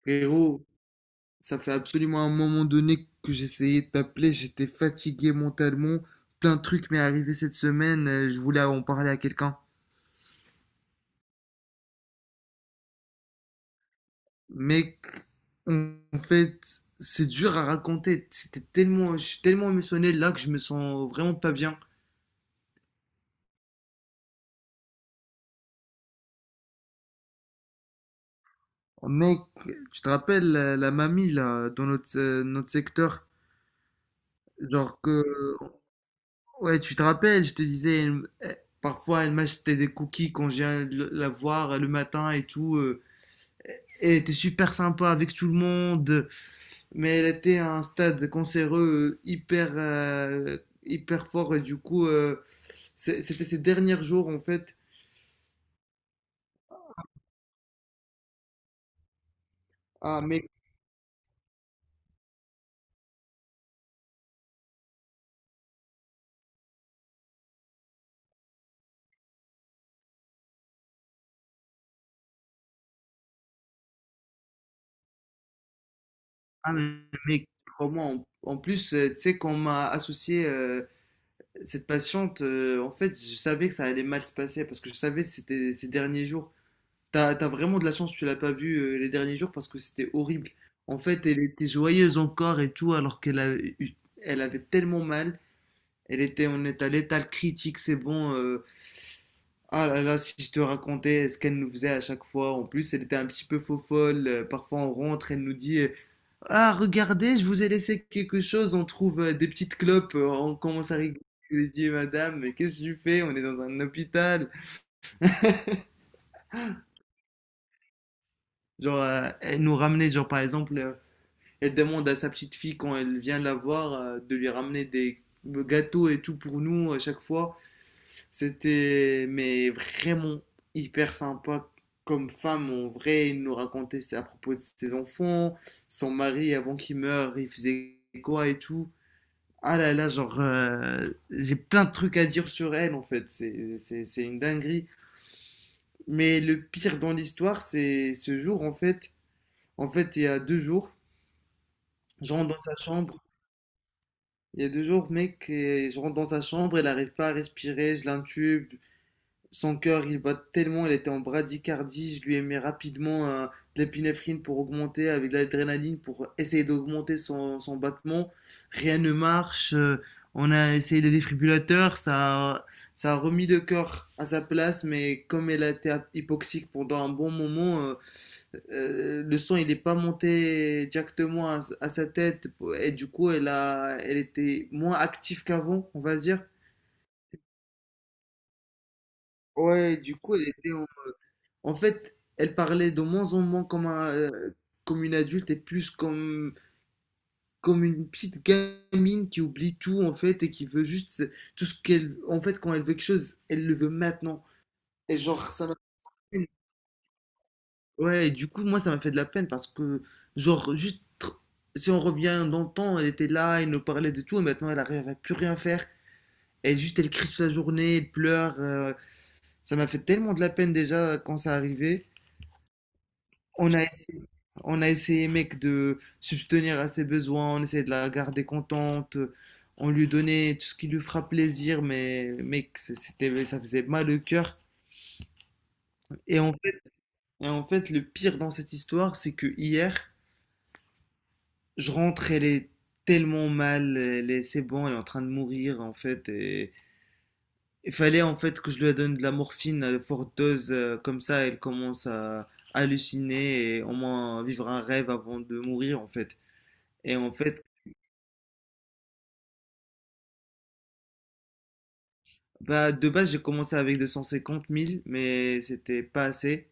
Frérot, ça fait absolument un moment donné que j'essayais de t'appeler. J'étais fatigué mentalement, plein de trucs m'est arrivé cette semaine. Je voulais en parler à quelqu'un. Mec, en fait, c'est dur à raconter. C'était tellement, je suis tellement émotionnel là que je me sens vraiment pas bien. Mec, tu te rappelles la mamie là, dans notre, notre secteur, genre que, ouais, tu te rappelles, je te disais, parfois elle m'achetait des cookies quand je viens la voir le matin et tout. Elle était super sympa avec tout le monde, mais elle était à un stade cancéreux hyper, hyper fort. Et du coup, c'était ses derniers jours en fait. Ah, mais, ah, mais comment en plus, tu sais, quand on m'a associé cette patiente, en fait, je savais que ça allait mal se passer parce que je savais que c'était ses derniers jours. T'as vraiment de la chance, que tu l'as pas vue les derniers jours parce que c'était horrible. En fait, elle était joyeuse encore et tout, alors qu'elle avait tellement mal. Elle était, on est à l'étal critique, c'est bon. Ah là là, si je te racontais ce qu'elle nous faisait à chaque fois. En plus, elle était un petit peu faux folle. Parfois, on rentre, elle nous dit ah, regardez, je vous ai laissé quelque chose. On trouve des petites clopes. On commence à rigoler. Je lui dis, madame, mais qu'est-ce que tu fais? On est dans un hôpital. Genre, elle nous ramenait, genre par exemple, elle demande à sa petite fille quand elle vient la voir de lui ramener des gâteaux et tout pour nous à chaque fois. C'était mais vraiment hyper sympa comme femme en vrai. Il nous racontait à propos de ses enfants, son mari avant qu'il meure, il faisait quoi et tout. Ah là là, genre, j'ai plein de trucs à dire sur elle en fait. C'est une dinguerie. Mais le pire dans l'histoire, c'est ce jour en fait. En fait, il y a 2 jours, je rentre dans sa chambre. Il y a deux jours, mec, et je rentre dans sa chambre, elle n'arrive pas à respirer, je l'intube. Son cœur, il bat tellement, il était en bradycardie. Je lui ai mis rapidement de l'épinéphrine pour augmenter, avec de l'adrénaline pour essayer d'augmenter son, son battement. Rien ne marche. On a essayé des défibrillateurs, ça a remis le cœur à sa place, mais comme elle a été hypoxique pendant un bon moment, le sang il n'est pas monté directement à sa tête, et du coup elle était moins active qu'avant, on va dire. Ouais, du coup elle était. En fait, elle parlait de moins en moins comme, un, comme une adulte, et plus comme, comme une petite gamine qui oublie tout en fait et qui veut juste tout ce qu'elle. En fait, quand elle veut quelque chose, elle le veut maintenant. Et genre, ça m'a. Ouais, et du coup, moi, ça m'a fait de la peine parce que, genre, si on revient dans le temps, elle était là, elle nous parlait de tout, et maintenant elle arrive à plus rien faire. Elle juste, elle crie toute la journée, elle pleure. Ça m'a fait tellement de la peine déjà quand ça arrivait. On a essayé, on a essayé, mec, de subvenir à ses besoins, on essayait de la garder contente, on lui donnait tout ce qui lui fera plaisir, mais mec, c'était, ça faisait mal au cœur. Et en fait, et en fait, le pire dans cette histoire, c'est que hier, je rentre, elle est tellement mal, elle est, c'est bon, elle est en train de mourir, en fait, et il fallait en fait que je lui donne de la morphine à forte dose, comme ça, elle commence à halluciner et au moins vivre un rêve avant de mourir, en fait. Et en fait, bah, de base, j'ai commencé avec 250 000, mais c'était pas assez.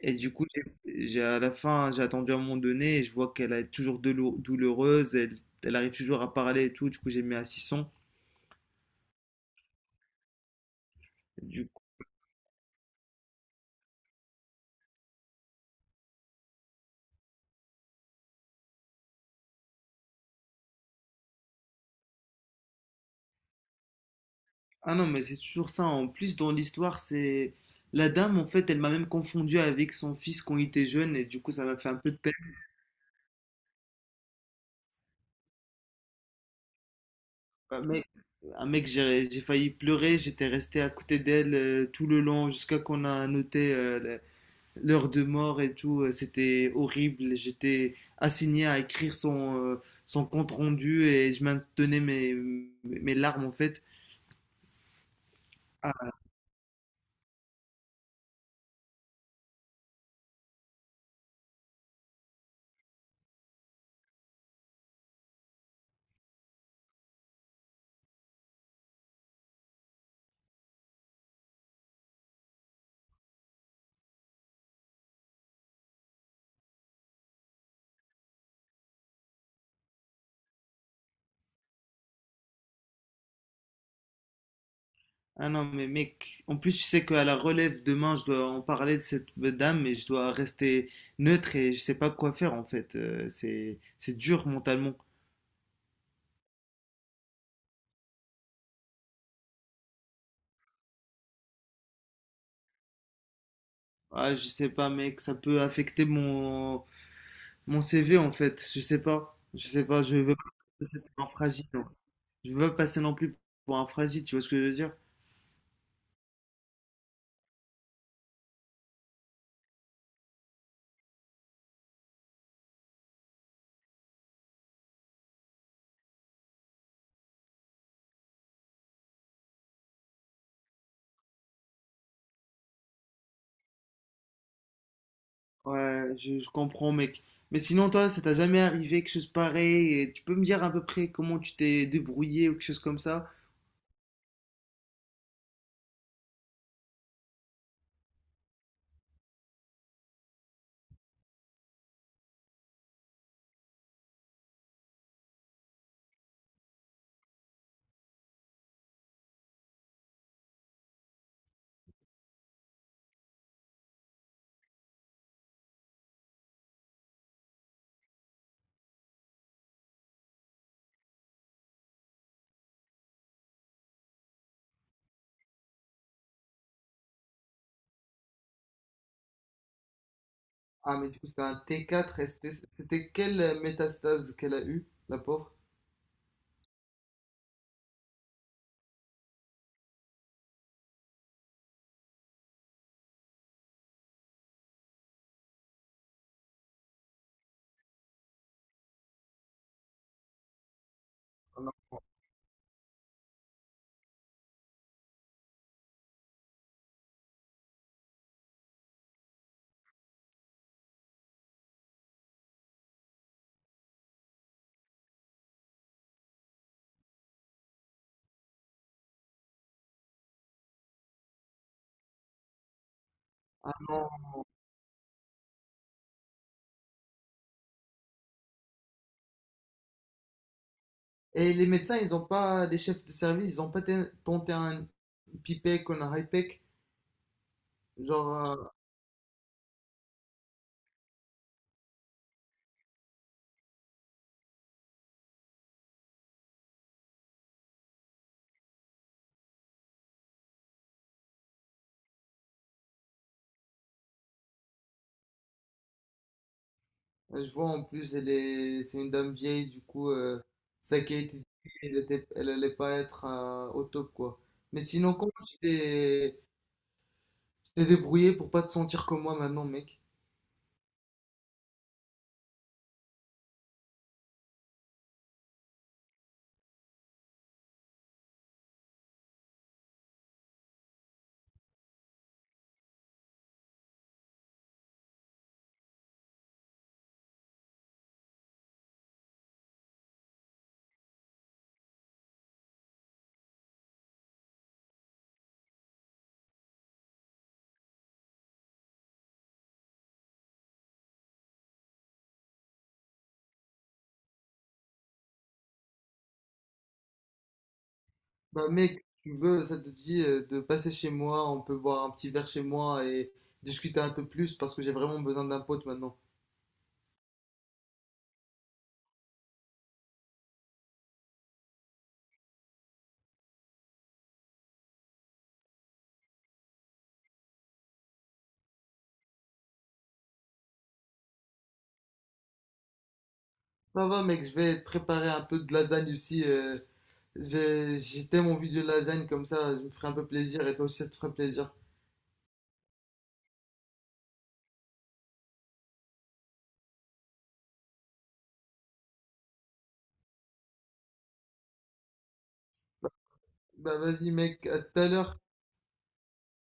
Et du coup, j'ai, à la fin, j'ai attendu à un moment donné et je vois qu'elle est toujours douloureuse, elle, elle arrive toujours à parler et tout. Du coup, j'ai mis à 600. Du coup. Ah non, mais c'est toujours ça. En plus, dans l'histoire, c'est. La dame, en fait, elle m'a même confondu avec son fils quand il était jeune, et du coup, ça m'a fait un peu de peine. Un mec, un mec, j'ai failli pleurer, j'étais resté à côté d'elle tout le long jusqu'à qu'on a noté l'heure de mort et tout. C'était horrible. J'étais assigné à écrire son, son compte rendu, et je maintenais mes, mes larmes en fait. Ah, ah non, mais mec, en plus, je sais qu'à la relève demain, je dois en parler de cette dame, mais je dois rester neutre et je sais pas quoi faire en fait. C'est dur mentalement. Ah, je sais pas, mec, ça peut affecter mon, mon CV en fait. Je sais pas, je sais pas, je veux pas passer pour un fragile. Je veux pas passer non plus pour un fragile, tu vois ce que je veux dire? Ouais, je comprends, mec. Mais sinon, toi, ça t'a jamais arrivé quelque chose pareil et tu peux me dire à peu près comment tu t'es débrouillé ou quelque chose comme ça? Ah, mais du coup, c'était un T4 et c'était, c'était quelle métastase qu'elle a eue, la pauvre? On a vraiment- Et les médecins, ils ont pas, les chefs de service, ils ont pas tenté un pipec ou un hypec. Genre, je vois en plus, elle est, c'est une dame vieille, du coup, sa qualité de vie, elle était, elle allait pas être au top, quoi. Mais sinon, comment tu t'es, t'es débrouillé pour pas te sentir comme moi maintenant, mec. Bah, mec, tu veux, ça te dit de passer chez moi, on peut boire un petit verre chez moi et discuter un peu plus parce que j'ai vraiment besoin d'un pote maintenant. Ça va, mec, je vais te préparer un peu de lasagne aussi. J'ai tellement envie de lasagne comme ça, je me ferai un peu plaisir et toi aussi ça te ferait plaisir. Bah, vas-y, mec, à tout à l'heure.